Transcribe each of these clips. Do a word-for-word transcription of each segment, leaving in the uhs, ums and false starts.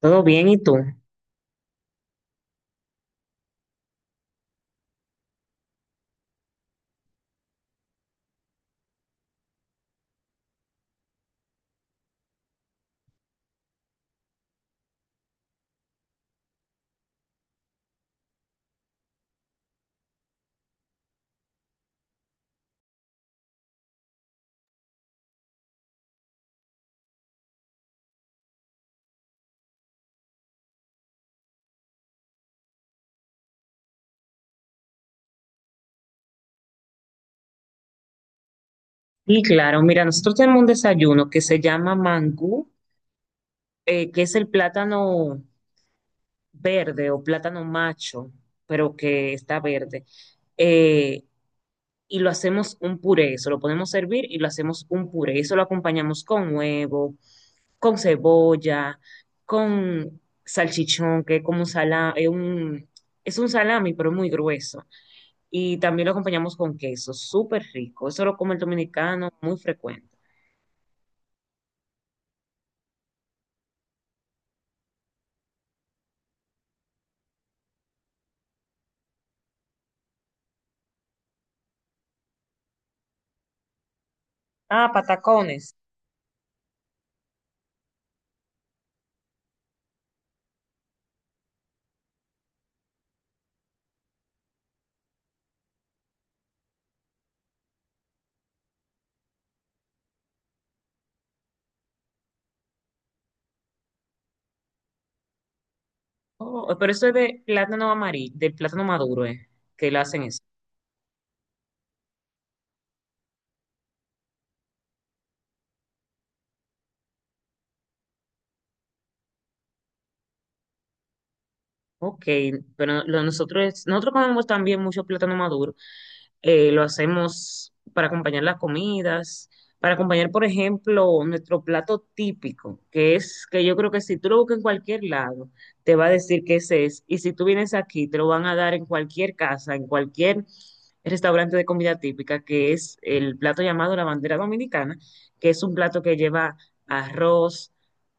Todo bien, ¿y tú? Y claro, mira, nosotros tenemos un desayuno que se llama mangú, eh, que es el plátano verde o plátano macho, pero que está verde. Eh, y lo hacemos un puré, eso lo podemos servir y lo hacemos un puré. Eso lo acompañamos con huevo, con cebolla, con salchichón, que es como un salami, es un, es un salami, pero muy grueso. Y también lo acompañamos con queso, súper rico. Eso lo come el dominicano muy frecuente. Ah, patacones. Oh, pero eso es de plátano amarillo, de plátano maduro, eh, que le hacen eso. Ok, pero lo- nosotros, nosotros comemos también mucho plátano maduro, eh, lo hacemos para acompañar las comidas, para acompañar, por ejemplo, nuestro plato típico, que es que yo creo que si tú lo buscas en cualquier lado, te va a decir que ese es. Y si tú vienes aquí, te lo van a dar en cualquier casa, en cualquier restaurante de comida típica, que es el plato llamado la bandera dominicana, que es un plato que lleva arroz,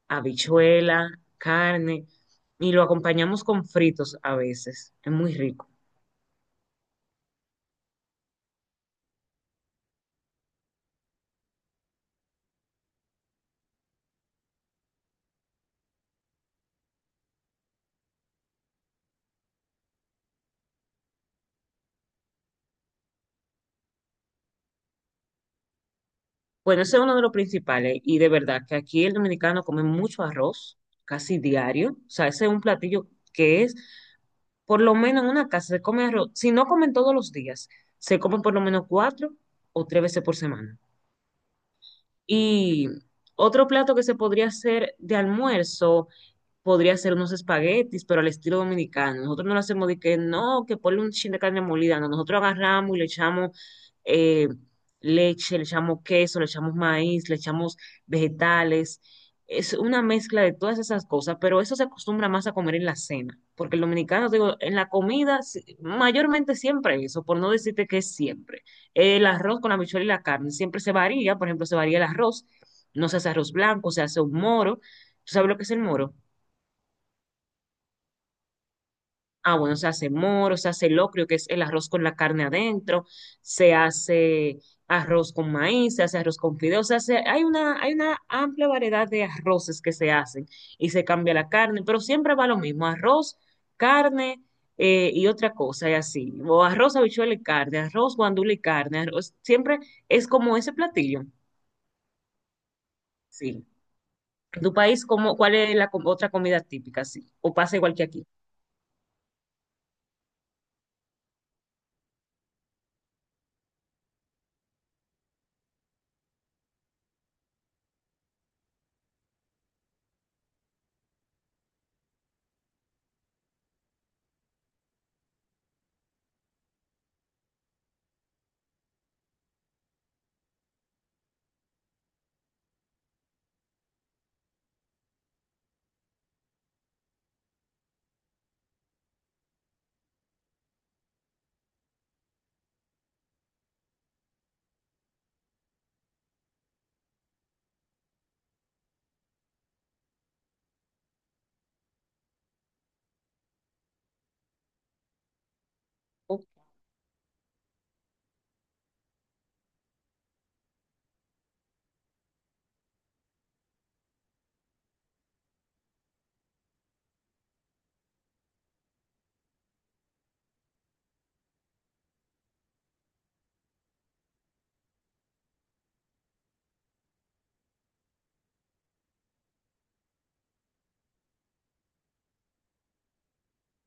habichuela, carne, y lo acompañamos con fritos a veces. Es muy rico. Bueno, ese es uno de los principales y de verdad que aquí el dominicano come mucho arroz, casi diario. O sea, ese es un platillo que es, por lo menos en una casa se come arroz. Si no comen todos los días, se comen por lo menos cuatro o tres veces por semana. Y otro plato que se podría hacer de almuerzo podría hacer unos espaguetis, pero al estilo dominicano. Nosotros no lo hacemos de que no, que ponle un chin de carne molida. No, nosotros agarramos y le echamos eh, leche, le echamos queso, le echamos maíz, le echamos vegetales. Es una mezcla de todas esas cosas, pero eso se acostumbra más a comer en la cena, porque el dominicano, digo, en la comida, si- mayormente siempre eso, por no decirte que es siempre. El arroz con la habichuela y la carne siempre se varía, por ejemplo, se varía el arroz, no se hace arroz blanco, se hace un moro. ¿Tú sabes lo que es el moro? Ah, bueno, se hace moro, se hace locrio, que es el arroz con la carne adentro, se hace arroz con maíz, se hace arroz con fideos, se hace, hay una, hay una amplia variedad de arroces que se hacen y se cambia la carne, pero siempre va lo mismo, arroz, carne, eh, y otra cosa, y así, o arroz, habichuela y carne, arroz, guandula y carne, arroz, siempre es como ese platillo, sí. ¿En tu país, cómo, cuál es la com- otra comida típica, sí? ¿O pasa igual que aquí?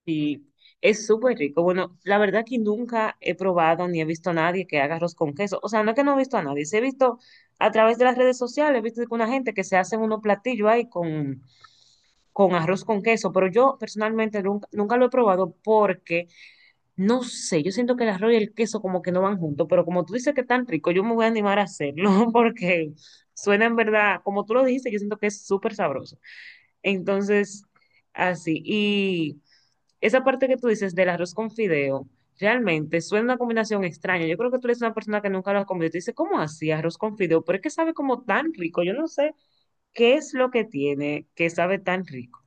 Sí, es súper rico. Bueno, la verdad que nunca he probado ni he visto a nadie que haga arroz con queso. O sea, no es que no he visto a nadie, sí he visto a través de las redes sociales, he visto que una gente que se hace unos platillos ahí con, con arroz con queso, pero yo personalmente nunca, nunca lo he probado porque, no sé, yo siento que el arroz y el queso como que no van juntos, pero como tú dices que es tan rico, yo me voy a animar a hacerlo porque suena en verdad, como tú lo dijiste, yo siento que es súper sabroso. Entonces, así, y... Esa parte que tú dices del arroz con fideo, realmente suena una combinación extraña. Yo creo que tú eres una persona que nunca lo ha comido y te dice, ¿cómo así arroz con fideo? Pero es que sabe como tan rico. Yo no sé qué es lo que tiene que sabe tan rico.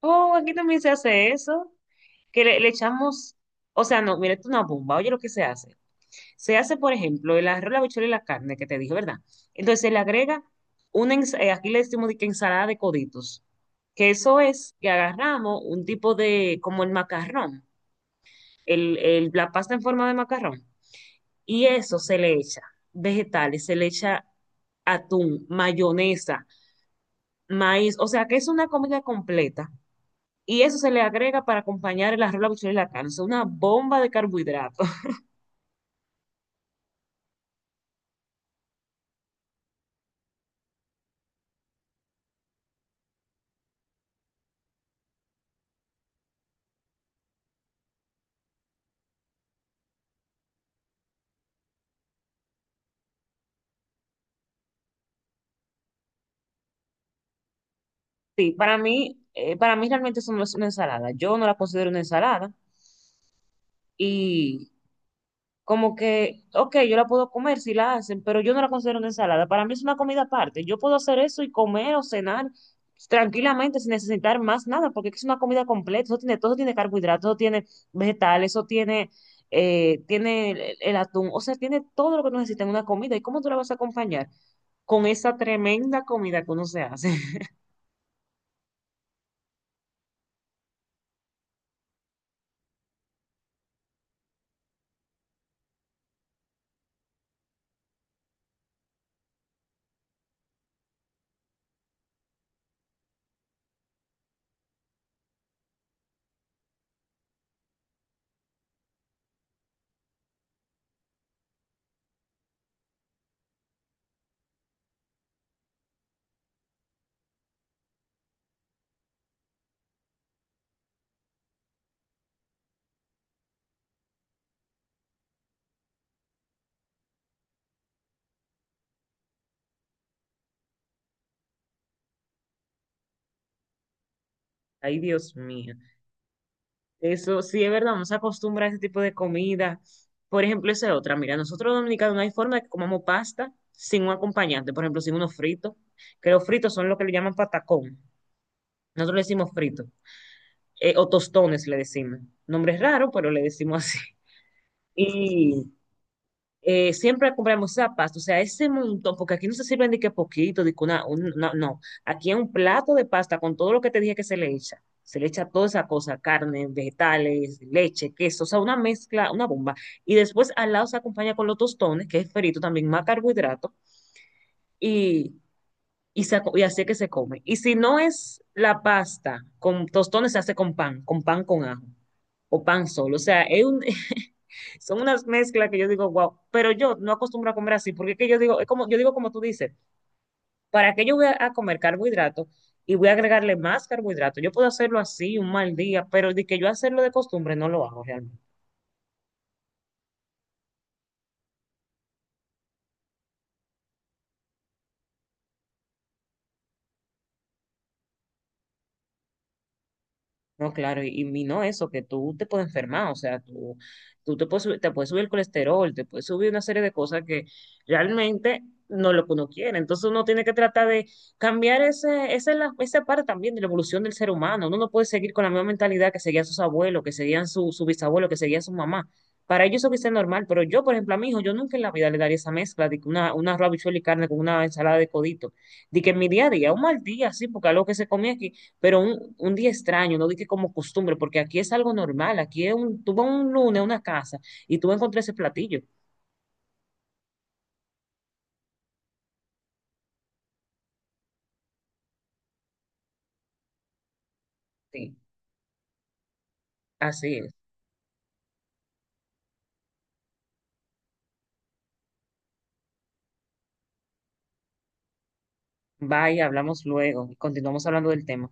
Oh, aquí también se hace eso, que le, le echamos, o sea, no, mira, esto es una bomba. Oye, lo que se hace. Se hace, por ejemplo, el arroz, la habichuela y la carne que te dije, ¿verdad? Entonces se le agrega una, ens- eh, aquí le decimos de que ensalada de coditos, que eso es que agarramos un tipo de, como el macarrón el, el- la pasta en forma de macarrón. Y eso se le echa vegetales, se le echa atún, mayonesa, maíz, o sea que es una comida completa. Y eso se le agrega para acompañar el arroz, la habichuela y la carne, es una bomba de carbohidratos. Sí, para mí, eh, para mí realmente eso no es una ensalada. Yo no la considero una ensalada. y Como que, ok, yo la puedo comer si la hacen, pero yo no la considero una ensalada. Para mí es una comida aparte. Yo puedo hacer eso y comer o cenar tranquilamente sin necesitar más nada, porque es una comida completa. Eso tiene, todo tiene carbohidratos, eso tiene vegetales, eso tiene, eh, tiene el, el atún. O sea, tiene todo lo que uno necesita en una comida. ¿Y cómo tú la vas a acompañar? Con esa tremenda comida que uno se hace. Ay, Dios mío. Eso sí es verdad, nos acostumbra a ese tipo de comida. Por ejemplo, esa es otra. Mira, nosotros los dominicanos no hay forma de que comamos pasta sin un acompañante, por ejemplo, sin unos fritos, que los fritos son lo que le llaman patacón. Nosotros le decimos frito, eh, o tostones le decimos. Nombre es raro, pero le decimos así. Y eh, siempre compramos esa pasta, o sea, ese montón, porque aquí no se sirven de que poquito, de que una, un- no, no, aquí es un plato de pasta con todo lo que te dije que se le echa, se le echa toda esa cosa, carne, vegetales, leche, queso, o sea, una mezcla, una bomba, y después al lado se acompaña con los tostones, que es frito también, más carbohidrato, y, y, se aco- y así es que se come. Y si no es la pasta, con tostones se hace con pan, con pan con ajo, o pan solo, o sea, es un, son unas mezclas que yo digo, wow, pero yo no acostumbro a comer así, porque es que yo digo, es como, yo digo como tú dices, ¿para qué yo voy a, a comer carbohidratos y voy a agregarle más carbohidratos? Yo puedo hacerlo así un mal día, pero de que yo hacerlo de costumbre no lo hago realmente. No, claro, y, y no eso, que tú te puedes enfermar, o sea, tú, tú te puedes, subir- te puedes subir el colesterol, te puedes subir una serie de cosas que realmente no es lo que uno quiere. Entonces uno tiene que tratar de cambiar ese, esa, es la- esa parte también de la evolución del ser humano. Uno no puede seguir con la misma mentalidad que seguían sus abuelos, que seguían su, su bisabuelo, que seguía su mamá. Para ellos eso quizás es normal, pero yo, por ejemplo, a mi hijo, yo nunca en la vida le daría esa mezcla de que una, una arroz, habichuela y carne con una ensalada de codito. De que en mi día a día, un mal día, sí, porque algo que se comía aquí pero un, un día extraño, no dije como costumbre, porque aquí es algo normal, aquí es un, tú vas un lunes a una casa y tú encontrás ese platillo. Sí, así es. Bye, hablamos luego y continuamos hablando del tema.